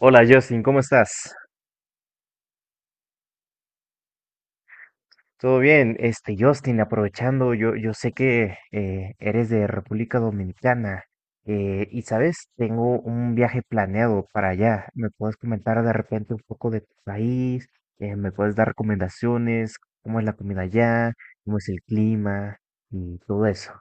Hola Justin, ¿cómo estás? ¿Todo bien? Este, Justin, aprovechando, yo sé que eres de República Dominicana y sabes, tengo un viaje planeado para allá. ¿Me puedes comentar de repente un poco de tu país? ¿Me puedes dar recomendaciones? ¿Cómo es la comida allá? ¿Cómo es el clima? Y todo eso.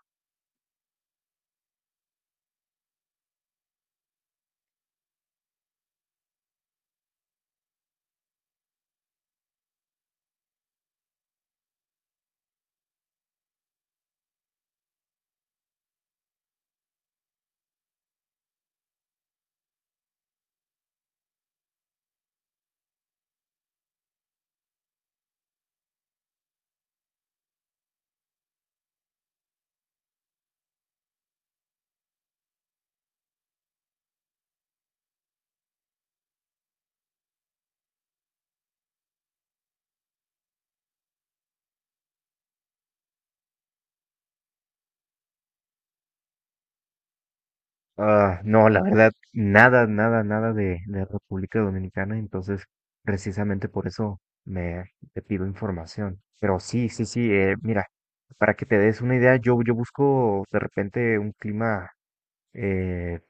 Ah, no, la verdad, nada, nada, nada de República Dominicana, entonces precisamente por eso me te pido información. Pero sí, sí, sí, mira, para que te des una idea, yo busco de repente un clima eh,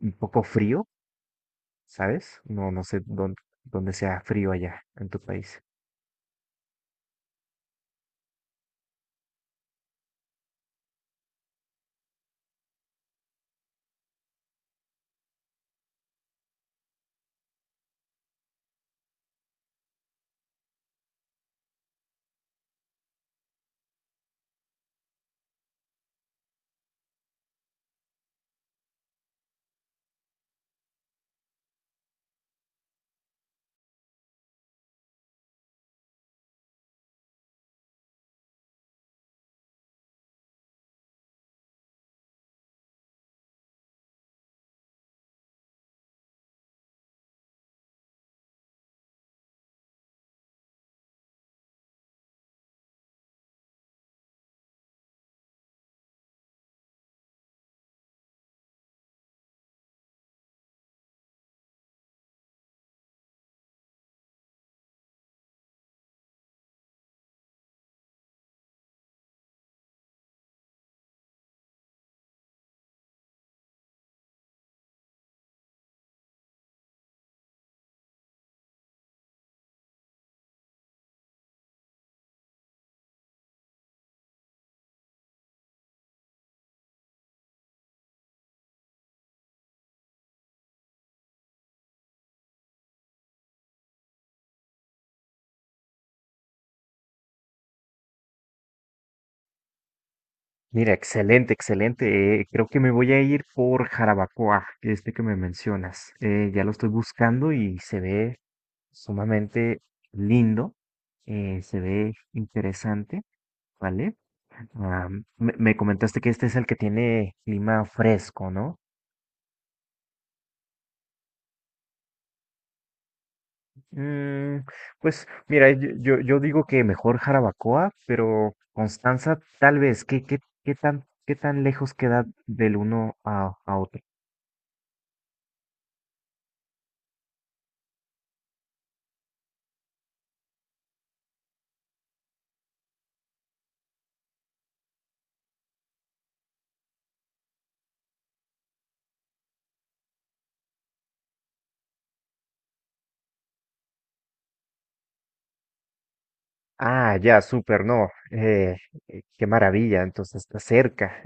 un poco frío, ¿sabes? No, no sé dónde sea frío allá en tu país. Mira, excelente, excelente. Creo que me voy a ir por Jarabacoa, este que me mencionas. Ya lo estoy buscando y se ve sumamente lindo, se ve interesante, ¿vale? Ah, me comentaste que este es el que tiene clima fresco, ¿no? Mm, pues mira, yo digo que mejor Jarabacoa, pero Constanza tal vez, ¿qué tan lejos queda del uno a otro? Ah, ya, súper, no. Qué maravilla, entonces está cerca.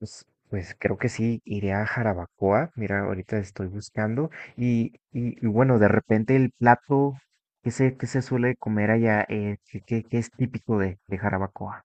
Pues, pues creo que sí, iré a Jarabacoa. Mira, ahorita estoy buscando. Y bueno, de repente el plato que se suele comer allá, que es típico de Jarabacoa.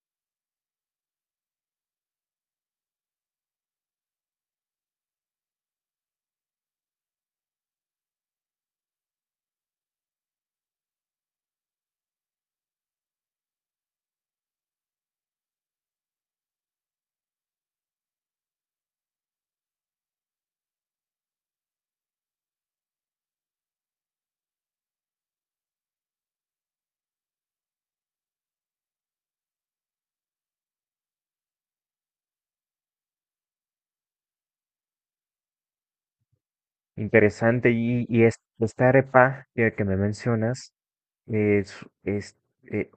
Interesante. Esta arepa que me mencionas, eh, es, es, eh,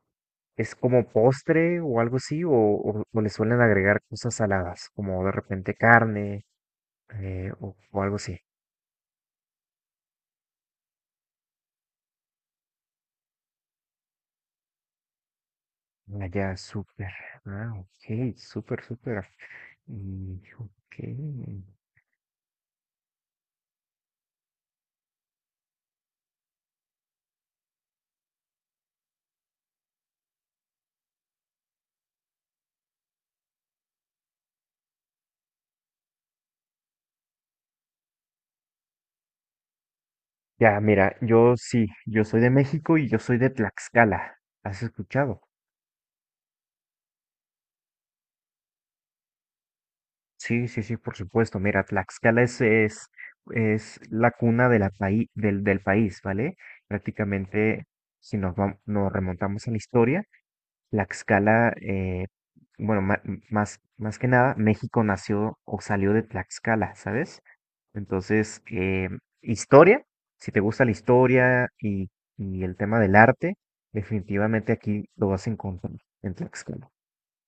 ¿es como postre o algo así? O le suelen agregar cosas saladas, como de repente carne o algo así? Ah, ya, súper. Ah, ok, súper, súper. Mm, ok. Ya, mira, yo sí, yo soy de México y yo soy de Tlaxcala. ¿Has escuchado? Sí, sí, sí, por supuesto. Mira, es la cuna de la paí- del, del país, ¿vale? Prácticamente, si nos remontamos a la historia, Tlaxcala, bueno, ma- más que nada, México nació o salió de Tlaxcala, ¿sabes? Entonces, historia, si te gusta la historia y el tema del arte, definitivamente aquí lo vas a encontrar en Tlaxcala.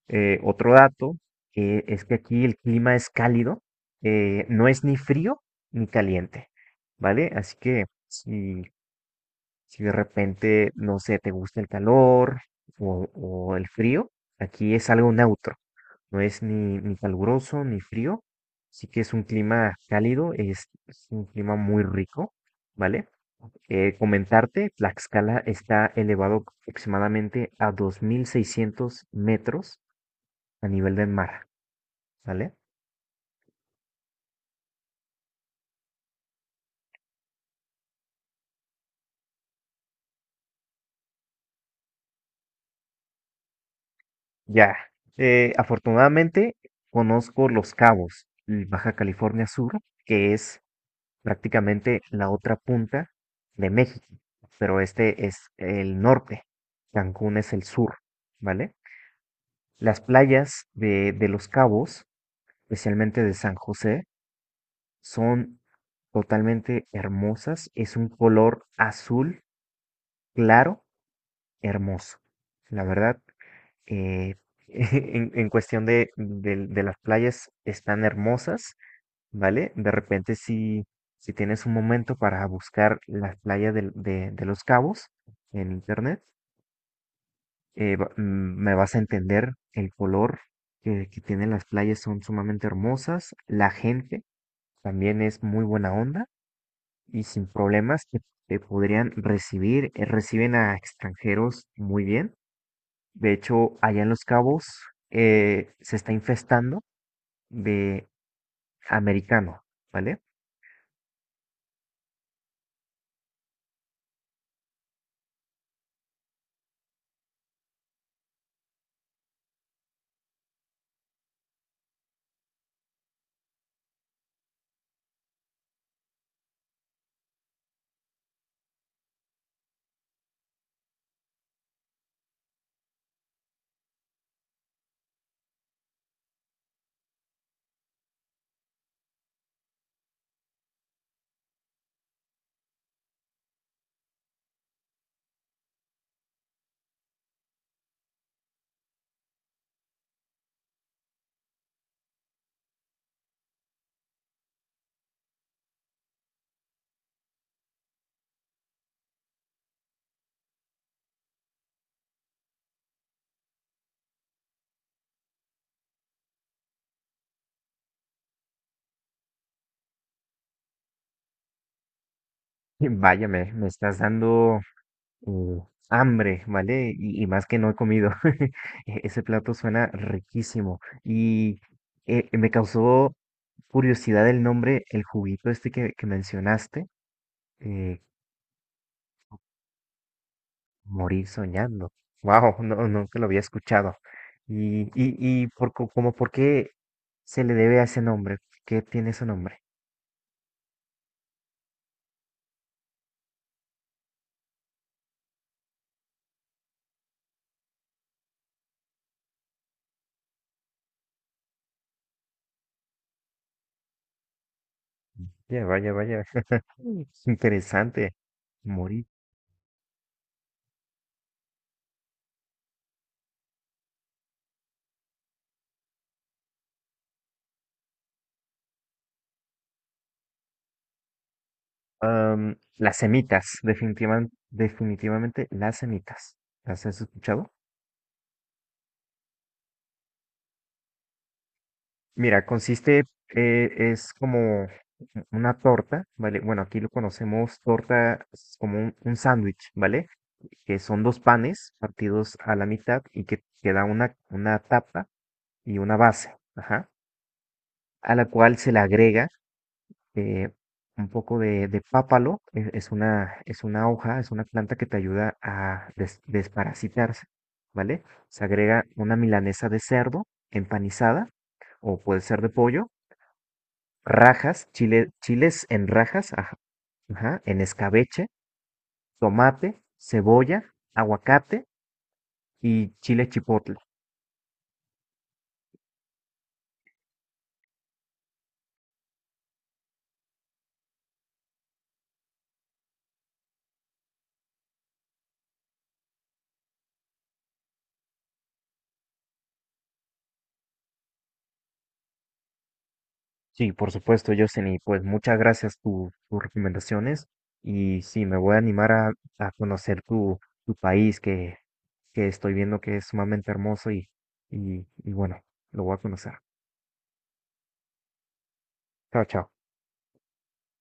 Otro dato es que aquí el clima es cálido, no es ni frío ni caliente, ¿vale? Así que si de repente, no sé, te gusta el calor o el frío, aquí es algo neutro. No es ni caluroso ni frío, sí que es un clima cálido, es un clima muy rico, ¿vale? Comentarte, Tlaxcala está elevado aproximadamente a 2.600 metros a nivel del mar, ¿vale? Ya, afortunadamente conozco Los Cabos, y Baja California Sur, que es prácticamente la otra punta de México, pero este es el norte, Cancún es el sur, ¿vale? Las playas de Los Cabos, especialmente de San José, son totalmente hermosas. Es un color azul claro, hermoso. La verdad, eh, en cuestión de, de las playas están hermosas, ¿vale? De repente si tienes un momento para buscar las playas de Los Cabos en internet, eh, va- mm, me vas a entender, el color que tienen las playas son sumamente hermosas, la gente también es muy buena onda y sin problemas que te podrían recibir, reciben a extranjeros muy bien. De hecho, allá en Los Cabos se está infestando de americano, ¿vale? Vaya, me estás dando Uh, hambre, ¿vale? Y más que no he comido. Ese plato suena riquísimo. Y me causó curiosidad el nombre, el juguito este que mencionaste. eh, Morir soñando. Wow, no, nunca lo había escuchado. Como por qué se le debe a ese nombre. ¿Qué tiene ese nombre? Ya, vaya, vaya. Interesante. Morir. Las semitas, definitivamente, definitivamente las semitas. ¿Las has escuchado? Mira, consiste, es como una torta, ¿vale? Bueno, aquí lo conocemos torta es como un sándwich, ¿vale? Que son dos panes partidos a la mitad y que queda una tapa y una base, ajá, a la cual se le agrega eh, un poco de pápalo, es una hoja, es una planta que te ayuda a desparasitarse, ¿vale? Se agrega una milanesa de cerdo empanizada o puede ser de pollo, rajas, chiles en rajas, ajá, ajá, en escabeche, tomate, cebolla, aguacate y chile chipotle. Sí, por supuesto, Justin, y pues muchas gracias por tus recomendaciones. Y sí, me voy a animar a conocer tu país que estoy viendo que es sumamente hermoso y bueno, lo voy a conocer. Chao, chao.